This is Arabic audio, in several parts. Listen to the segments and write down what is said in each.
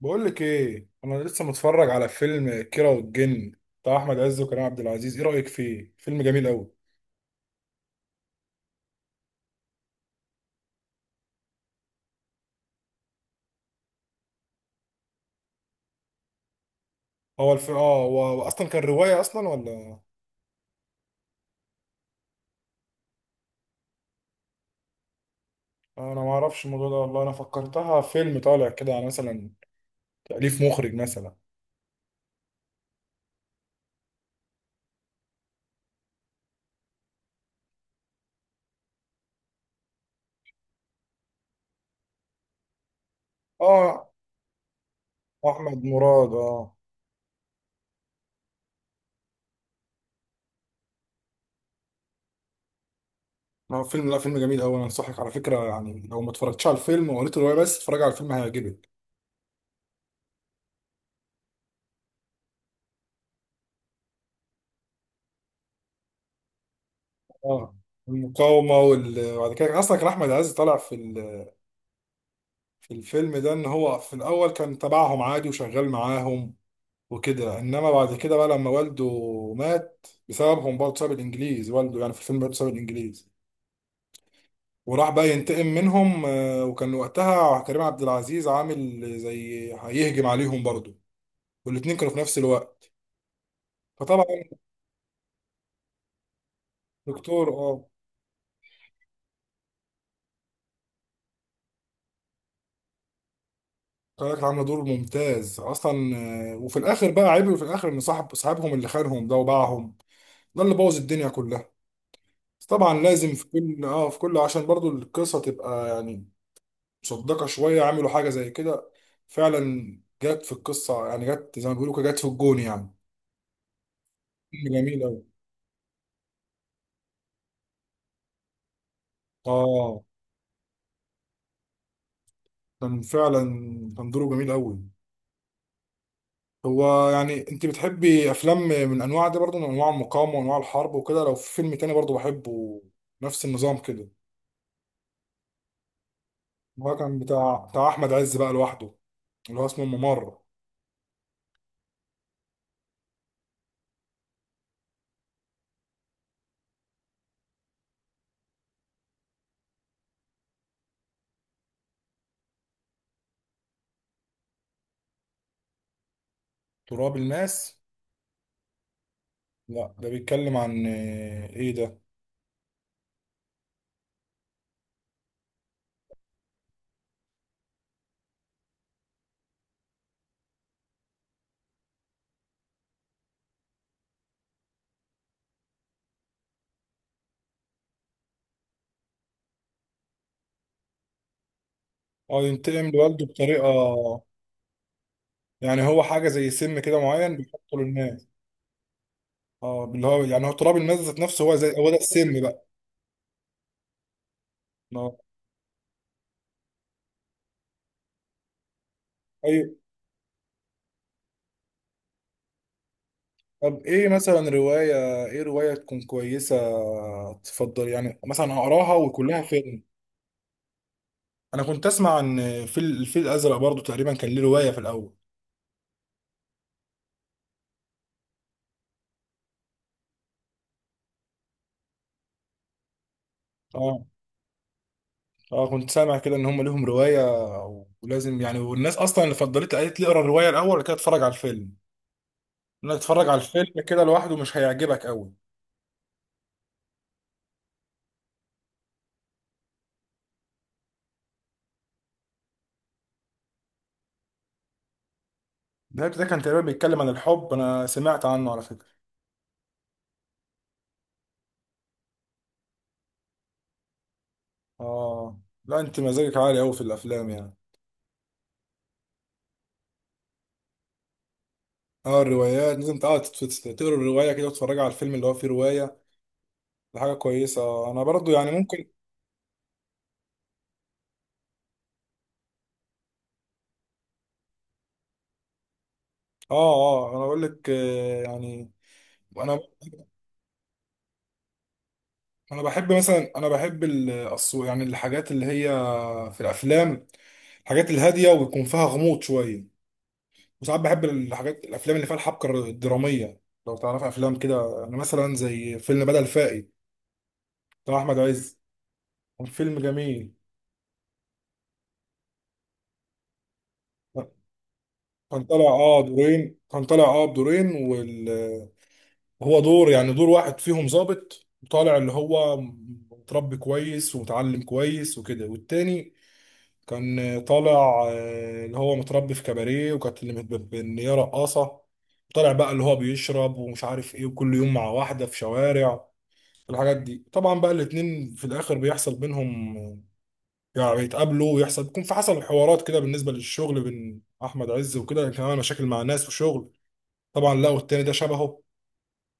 بقول لك ايه، انا لسه متفرج على فيلم كيرة والجن بتاع احمد عز وكريم عبد العزيز. ايه رايك فيه؟ فيلم جميل قوي. هو الف... اه هو هو اصلا كان روايه اصلا ولا؟ انا ما اعرفش الموضوع ده والله، انا فكرتها فيلم طالع كده، يعني مثلا تاليف مخرج مثلا. اه، احمد مراد. اه، هو فيلم، لا فيلم جميل قوي. انا انصحك على فكره، يعني لو ما اتفرجتش على الفيلم وقريت الروايه بس، اتفرج على الفيلم هيعجبك. اه، وبعد كده اصلا كان احمد عز طالع في الفيلم ده ان هو في الاول كان تبعهم عادي وشغال معاهم وكده، انما بعد كده بقى لما والده مات بسببهم برضه، بسبب الانجليز، والده يعني في الفيلم برضه بسبب الانجليز، وراح بقى ينتقم منهم. وكان وقتها كريم عبد العزيز عامل زي هيهجم عليهم برضه، والاتنين كانوا في نفس الوقت. فطبعا الدكتور، اه، كانت عامله دور ممتاز اصلا. وفي الاخر بقى، عيب في الاخر ان صاحب صاحبهم اللي خانهم ده وباعهم ده اللي بوظ الدنيا كلها. بس طبعا لازم في كل، اه في كل، عشان برضو القصة تبقى يعني مصدقة شوية، عملوا حاجة زي كده فعلا. جت في القصة، يعني جت زي ما بيقولوا كده، جت في الجون يعني. فيلم جميل أوي. اه، كان فعلا كان دوره جميل أوي. هو يعني انت بتحبي افلام من انواع دي برضو، من انواع المقاومة وانواع الحرب وكده؟ لو في فيلم تاني برضو بحبه نفس النظام كده. هو كان بتاع احمد عز بقى لوحده، اللي هو اسمه الممر. تراب الماس؟ لا، ده بيتكلم عن ايه ده؟ اه، ينتقم لوالده بطريقه. يعني هو حاجه زي سم كده معين بيحطه للناس. اه، اللي هو يعني هو تراب الناس ذات نفسه، هو زي، هو ده السم بقى. اه. ايوه. طب ايه مثلا روايه، ايه روايه تكون كويسه تفضل يعني مثلا اقراها وكلها فيلم؟ انا كنت اسمع عن، في الفيل الازرق برضو تقريبا كان ليه روايه في الاول. اه اه، كنت سامع كده ان هم ليهم روايه، ولازم يعني، والناس اصلا اللي فضلت قالت لي اقرا الروايه الاول وبعد كده اتفرج على الفيلم، انك تتفرج على الفيلم كده لوحده مش هيعجبك قوي. النبت ده كان تقريبا بيتكلم عن الحب، انا سمعت عنه على فكرة. اه، لا انت مزاجك عالي قوي في الافلام يعني. اه، الروايات لازم تقعد تقرا الرواية كده وتتفرج على الفيلم اللي هو فيه رواية. دي حاجة كويسة. انا برضو يعني ممكن، اه اه، انا بقول لك، يعني انا انا بحب مثلا، انا بحب يعني الحاجات اللي هي في الافلام، الحاجات الهادية ويكون فيها غموض شوية. وساعات بحب الحاجات الافلام اللي فيها الحبكة الدرامية. لو تعرف افلام كده، انا مثلا زي فيلم بدل فائد بتاع احمد عز، فيلم جميل. كان طالع اه دورين، كان طالع اه هو دور، يعني دور واحد فيهم ظابط طالع، اللي هو متربي كويس ومتعلم كويس وكده، والتاني كان طالع اللي هو متربي في كباريه، وكانت اللي ان هي رقاصه. طالع بقى اللي هو بيشرب ومش عارف ايه، وكل يوم مع واحده في شوارع، الحاجات دي. طبعا بقى الاتنين في الاخر بيحصل بينهم، يعني بيتقابلوا ويحصل، بيكون في، حصل حوارات كده بالنسبه للشغل بين احمد عز وكده، يعني كان عامل مشاكل مع ناس وشغل. طبعا لقوا التاني ده شبهه،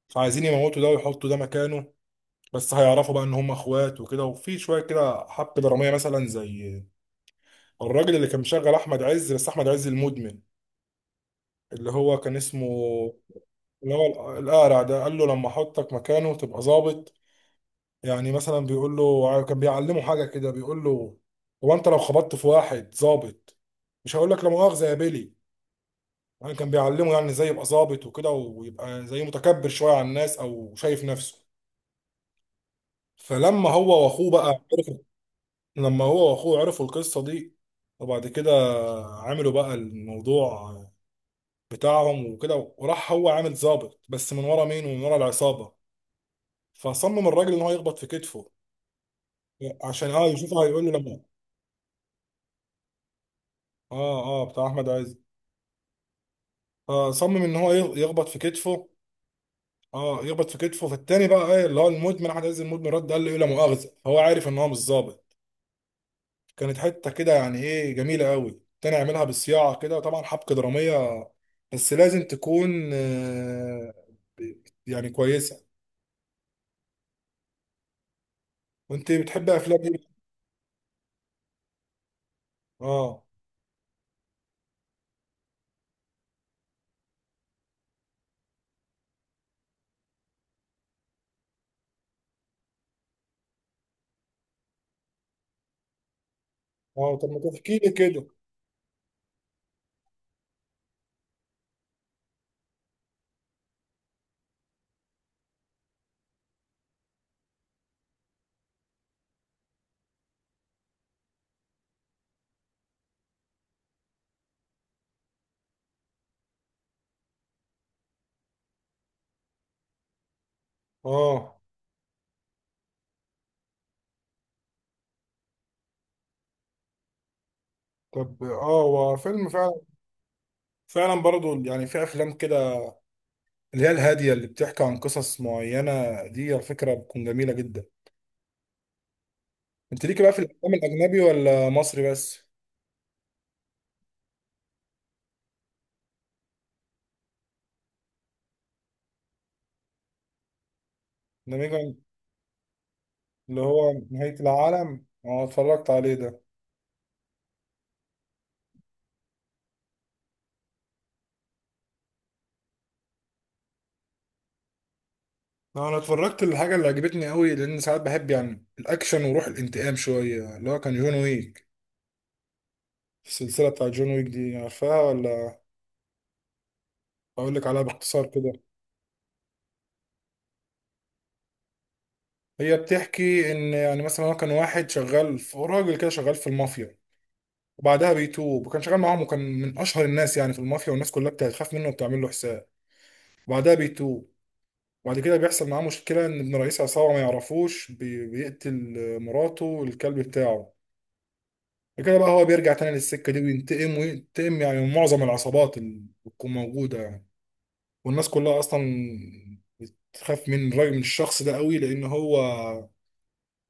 فعايزين يموتوا ده ويحطوا ده مكانه، بس هيعرفوا بقى ان هم اخوات وكده. وفي شويه كده حبكه دراميه مثلا، زي الراجل اللي كان مشغل احمد عز، بس احمد عز المدمن اللي هو كان اسمه، اللي هو القارع ده، قال له لما احطك مكانه تبقى ظابط، يعني مثلا بيقول له، كان بيعلمه حاجه كده، بيقول له هو انت لو خبطت في واحد ظابط مش هقول لك لا مؤاخذه يا بيلي، يعني كان بيعلمه يعني ازاي يبقى ظابط وكده، ويبقى زي متكبر شويه على الناس او شايف نفسه. فلما هو واخوه بقى عرفوا، لما هو واخوه عرفوا القصه دي، وبعد كده عملوا بقى الموضوع بتاعهم وكده، وراح هو عامل ظابط، بس من ورا مين؟ ومن ورا العصابه. فصمم الراجل ان هو يخبط في كتفه عشان اه يشوفه، هيقول له لما، اه اه، بتاع احمد عز، فصمم ان هو يخبط في كتفه. اه، يخبط في كتفه، فالتاني بقى، ايه اللي هو، المدمن احمد عز المدمن، رد قال له ايه، لا مؤاخذه، فهو عارف ان هو مش ظابط. كانت حته كده يعني ايه، جميله قوي، تاني اعملها بالصياعه كده. طبعا حبكه دراميه بس لازم تكون يعني كويسه. وانت بتحب افلام ايه؟ اه اه، طب ما تحكي لي كده. اه، طب اه، هو فيلم فعلا، فعلا برضه يعني، في افلام كده اللي هي الهاديه اللي بتحكي عن قصص معينه، دي على فكره بتكون جميله جدا. انت ليك بقى في الافلام الاجنبي ولا مصري بس؟ ده اللي هو نهايه العالم؟ اه، اتفرجت عليه ده. انا اتفرجت الحاجه اللي عجبتني قوي، لان ساعات بحب يعني الاكشن وروح الانتقام شويه، اللي هو كان جون ويك. السلسله بتاع جون ويك دي عارفاها ولا؟ اقول لك عليها باختصار كده. هي بتحكي ان يعني مثلا هو كان واحد شغال في، هو راجل كده شغال في المافيا، وبعدها بيتوب. وكان شغال معاهم وكان من اشهر الناس يعني في المافيا، والناس كلها بتخاف منه وبتعمل له حساب. وبعدها بيتوب، وبعد كده بيحصل معاه مشكله ان ابن رئيس عصابه ما يعرفوش بيقتل مراته والكلب بتاعه. كده بقى هو بيرجع تاني للسكة دي وينتقم، وينتقم يعني من معظم العصابات اللي بتكون موجودة يعني. والناس كلها أصلا بتخاف من الراجل، من الشخص ده قوي، لأن هو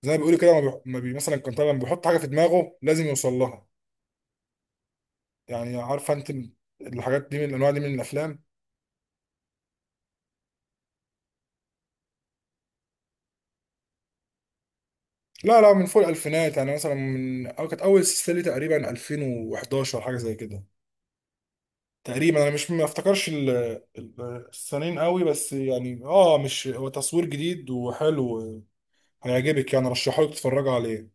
زي ما بيقولوا كده، ما بيح- ما بي مثلا، كان طبعا بيحط حاجة في دماغه لازم يوصل لها. يعني عارفة أنت الحاجات دي من الأنواع دي من الأفلام. لا لا، من فوق الألفينات، يعني مثلا من، أو كانت أول سلسلة ليه تقريبا 2011 حاجة زي كده تقريبا، انا مش ما افتكرش السنين قوي، بس يعني اه، مش هو تصوير جديد وحلو، هيعجبك يعني، رشحه لك تتفرج عليه.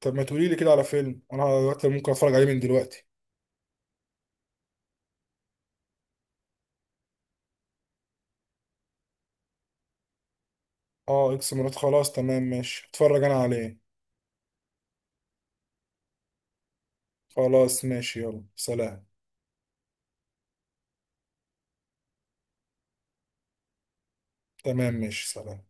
طب ما تقولي لي كده على فيلم انا دلوقتي ممكن اتفرج عليه من دلوقتي. اه، اكس مرات، خلاص تمام ماشي، اتفرج انا عليه. خلاص ماشي، يلا سلام. تمام ماشي، سلام.